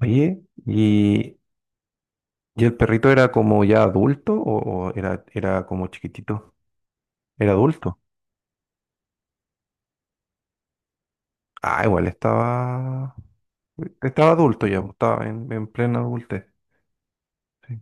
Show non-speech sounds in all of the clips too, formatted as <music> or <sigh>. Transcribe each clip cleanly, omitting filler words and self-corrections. Oye, ¿y, y el perrito era como ya adulto o era como chiquitito? Era adulto. Ah, igual estaba adulto ya, pues, estaba en plena adultez. Sí.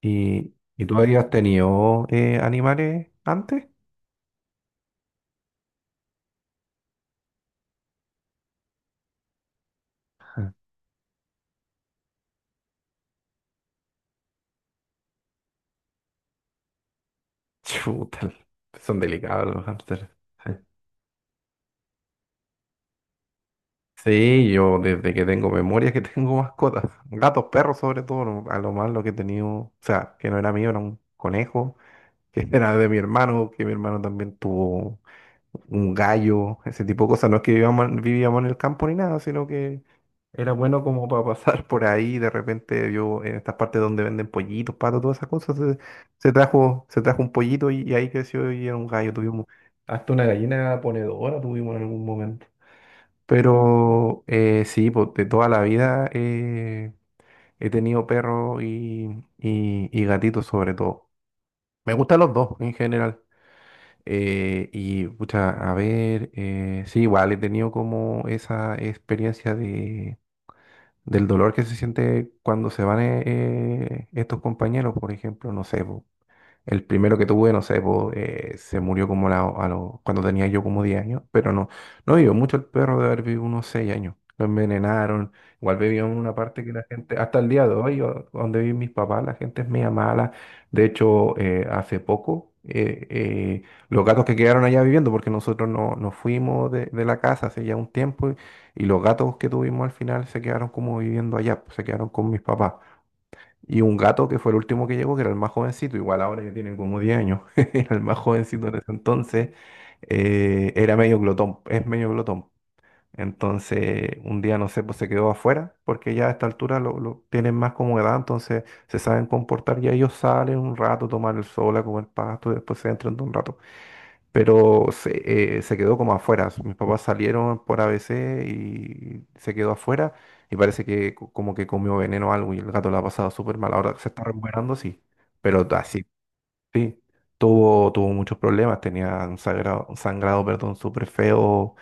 ¿Y tú habías tenido animales antes? Ah. <laughs> Chuta, son delicados los hámsters. Sí, sí, yo <laughs> desde que tengo memoria que tengo mascotas, <laughs> gatos, perros sobre todo, a lo más lo que he tenido, o sea, que no era mío, era un conejo, que era de mi hermano, que mi hermano también tuvo un gallo, ese tipo de cosas. No es que vivíamos, vivíamos en el campo ni nada, sino que era bueno como <laughs> para pasar por ahí. De repente yo en estas partes donde venden pollitos, patos, todas esas cosas, se trajo un pollito y ahí creció y era un gallo. Tuvimos hasta una gallina ponedora tuvimos en algún momento. Pero sí, pues, de toda la vida he tenido perros y gatitos sobre todo. Me gustan los dos en general. Y, pucha, a ver, sí, igual he tenido como esa experiencia del dolor que se siente cuando se van estos compañeros, por ejemplo, no sé, po, el primero que tuve, no sé, po, se murió como cuando tenía yo como 10 años, pero no, no vivió mucho el perro de haber vivido unos 6 años. Lo envenenaron, igual vivió en una parte que la gente, hasta el día de hoy, donde viven mis papás, la gente es media mala. De hecho, hace poco, los gatos que quedaron allá viviendo, porque nosotros no, nos fuimos de la casa hace ya un tiempo, y los gatos que tuvimos al final se quedaron como viviendo allá, pues, se quedaron con mis papás. Y un gato que fue el último que llegó, que era el más jovencito, igual ahora ya tiene como 10 años, <laughs> era el más jovencito en ese entonces, era medio glotón, es medio glotón. Entonces, un día, no sé, pues se quedó afuera, porque ya a esta altura lo tienen más como edad, entonces se saben comportar, ya ellos salen un rato, toman el sol, a comer pasto, y después se entran de un rato, pero se quedó como afuera. Mis papás salieron por ABC y se quedó afuera y parece que como que comió veneno o algo y el gato la ha pasado súper mal. Ahora se está recuperando, sí, pero así, sí. Sí, tuvo muchos problemas, tenía un un sangrado, perdón, súper feo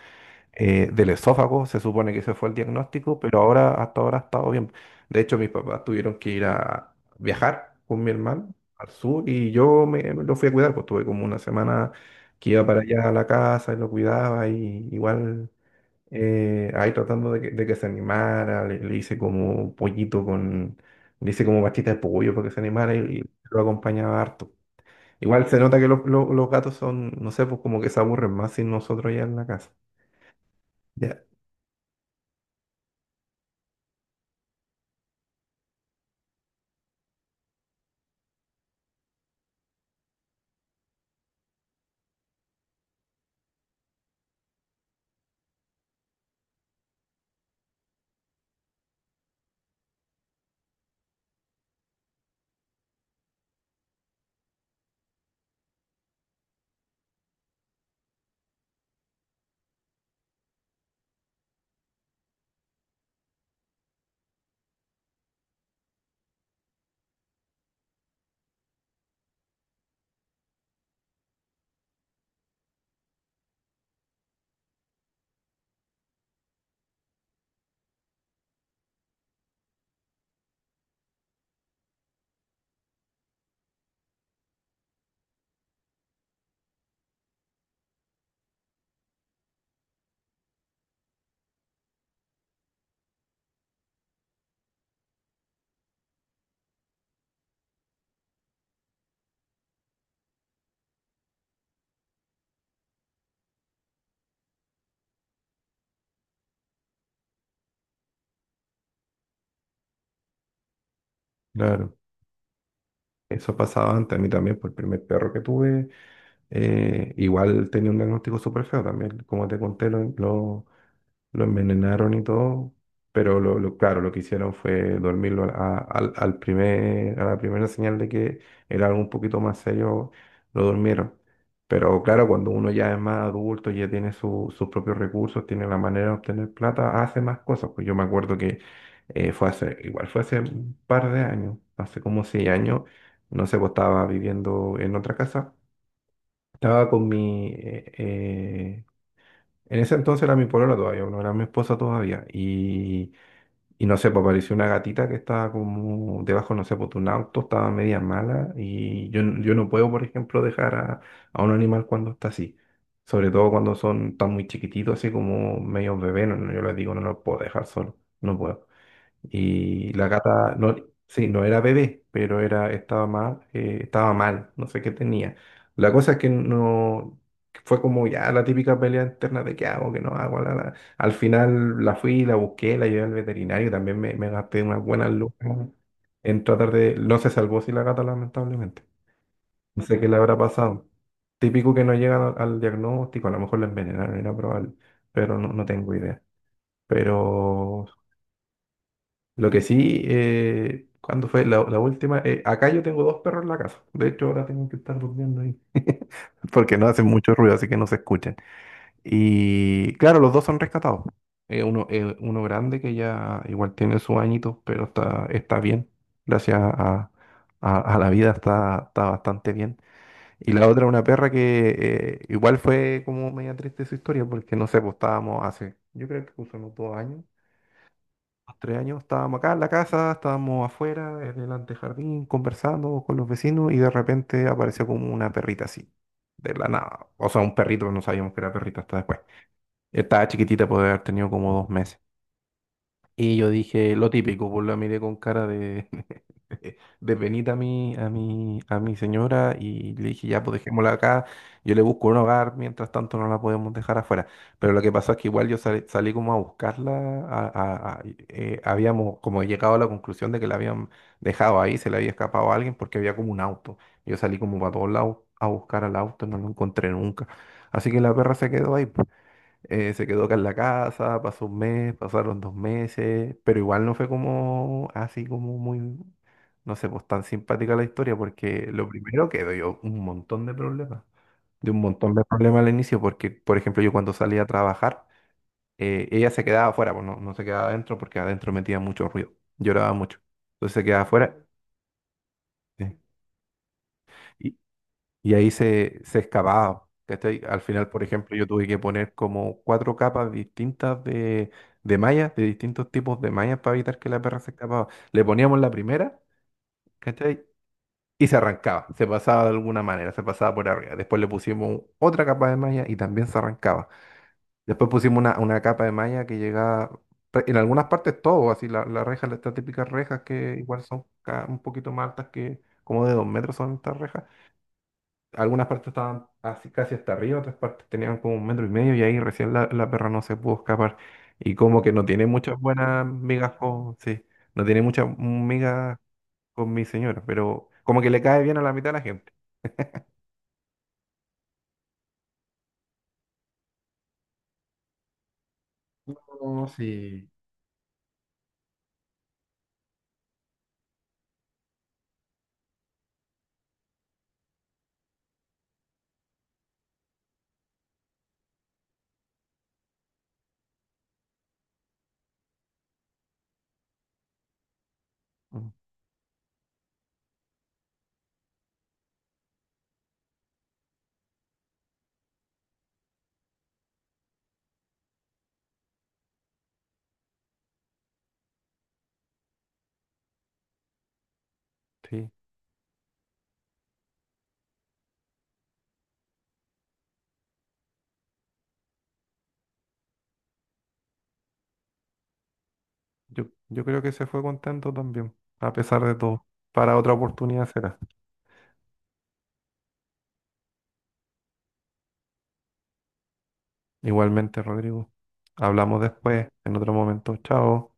del esófago, se supone que ese fue el diagnóstico, pero ahora, hasta ahora ha estado bien. De hecho, mis papás tuvieron que ir a viajar con mi hermano al sur y yo me lo fui a cuidar, pues tuve como una semana que iba para allá a la casa y lo cuidaba y igual ahí tratando de que se animara, le hice como pastita de pollo para que se animara y lo acompañaba harto. Igual se nota que los gatos son, no sé, pues como que se aburren más sin nosotros ya en la casa. Ya. Claro. Eso pasaba antes a mí también, por el primer perro que tuve, igual tenía un diagnóstico súper feo también, como te conté, lo envenenaron y todo, pero claro, lo que hicieron fue dormirlo a la primera señal de que era algo un poquito más serio, lo durmieron. Pero claro, cuando uno ya es más adulto, ya tiene sus propios recursos, tiene la manera de obtener plata, hace más cosas. Pues yo me acuerdo que igual fue hace un par de años, hace como 6 años, no sé, pues estaba viviendo en otra casa. Estaba con mi, eh, en ese entonces era mi polola todavía, no era mi esposa todavía. Y no sé, pues apareció una gatita que estaba como debajo, no sé, pues de un auto, estaba media mala. Y yo no puedo, por ejemplo, dejar a un animal cuando está así. Sobre todo cuando son tan muy chiquititos, así como medio bebé, no, no, yo les digo, no los puedo dejar solo, no puedo. Y la gata, no, sí, no era bebé, pero estaba mal, no sé qué tenía. La cosa es que no, fue como ya la típica pelea interna de qué hago, qué no hago. La, la. Al final la fui, la busqué, la llevé al veterinario, también me gasté unas buenas lucas en tratar de, no se salvó si la gata lamentablemente. No sé qué le habrá pasado. Típico que no llegan al diagnóstico, a lo mejor la envenenaron, era probable, pero no, no tengo idea. Pero lo que sí, ¿cuándo fue la última? Acá yo tengo dos perros en la casa. De hecho, ahora tengo que estar durmiendo ahí. <laughs> Porque no hacen mucho ruido, así que no se escuchan. Y claro, los dos son rescatados. Uno grande que ya igual tiene sus añitos, pero está bien. Gracias a la vida está bastante bien. Y la otra, una perra que igual fue como media triste su historia, porque no sé, pues estábamos hace, yo creo que unos 2 años, los 3 años estábamos acá en la casa, estábamos afuera, en el antejardín, conversando con los vecinos y de repente apareció como una perrita así, de la nada. O sea, un perrito, no sabíamos que era perrito hasta después. Estaba chiquitita, puede haber tenido como 2 meses. Y yo dije lo típico, pues la miré con cara de, <laughs> de penita a a mi señora y le dije, ya, pues dejémosla acá, yo le busco un hogar, mientras tanto no la podemos dejar afuera. Pero lo que pasó es que igual yo salí, salí como a buscarla, a- a- a- habíamos como llegado a la conclusión de que la habían dejado ahí, se le había escapado a alguien porque había como un auto. Yo salí como para todos lados a buscar al auto, no lo encontré nunca. Así que la perra se quedó ahí, pues. Se quedó acá en la casa, pasó un mes, pasaron 2 meses, pero igual no fue como así como muy, no sé, pues tan simpática la historia, porque lo primero que dio un montón de problemas, al inicio, porque, por ejemplo, yo cuando salía a trabajar, ella se quedaba afuera, pues no, no se quedaba adentro porque adentro metía mucho ruido, lloraba mucho, entonces se quedaba afuera. Sí. Y ahí se excavaba. ¿Cachai? Al final, por ejemplo, yo tuve que poner como cuatro capas distintas de mallas, de distintos tipos de mallas para evitar que la perra se escapaba. Le poníamos la primera, ¿cachai? Y se arrancaba, se pasaba de alguna manera, se pasaba por arriba. Después le pusimos otra capa de malla y también se arrancaba. Después pusimos una capa de malla que llegaba, en algunas partes todo, así la reja, las estas típicas rejas que igual son un poquito más altas que como de 2 metros son estas rejas, algunas partes estaban así, casi hasta arriba, otras partes tenían como un metro y medio y ahí recién la perra no se pudo escapar. Y como que no tiene muchas buenas migas con, sí, no tiene muchas migas con mi señora, pero como que le cae bien a la mitad de la gente. No, sí. Mm, sí, yo creo que se fue contento también, a pesar de todo. Para otra oportunidad será. Igualmente, Rodrigo. Hablamos después, en otro momento. Chao.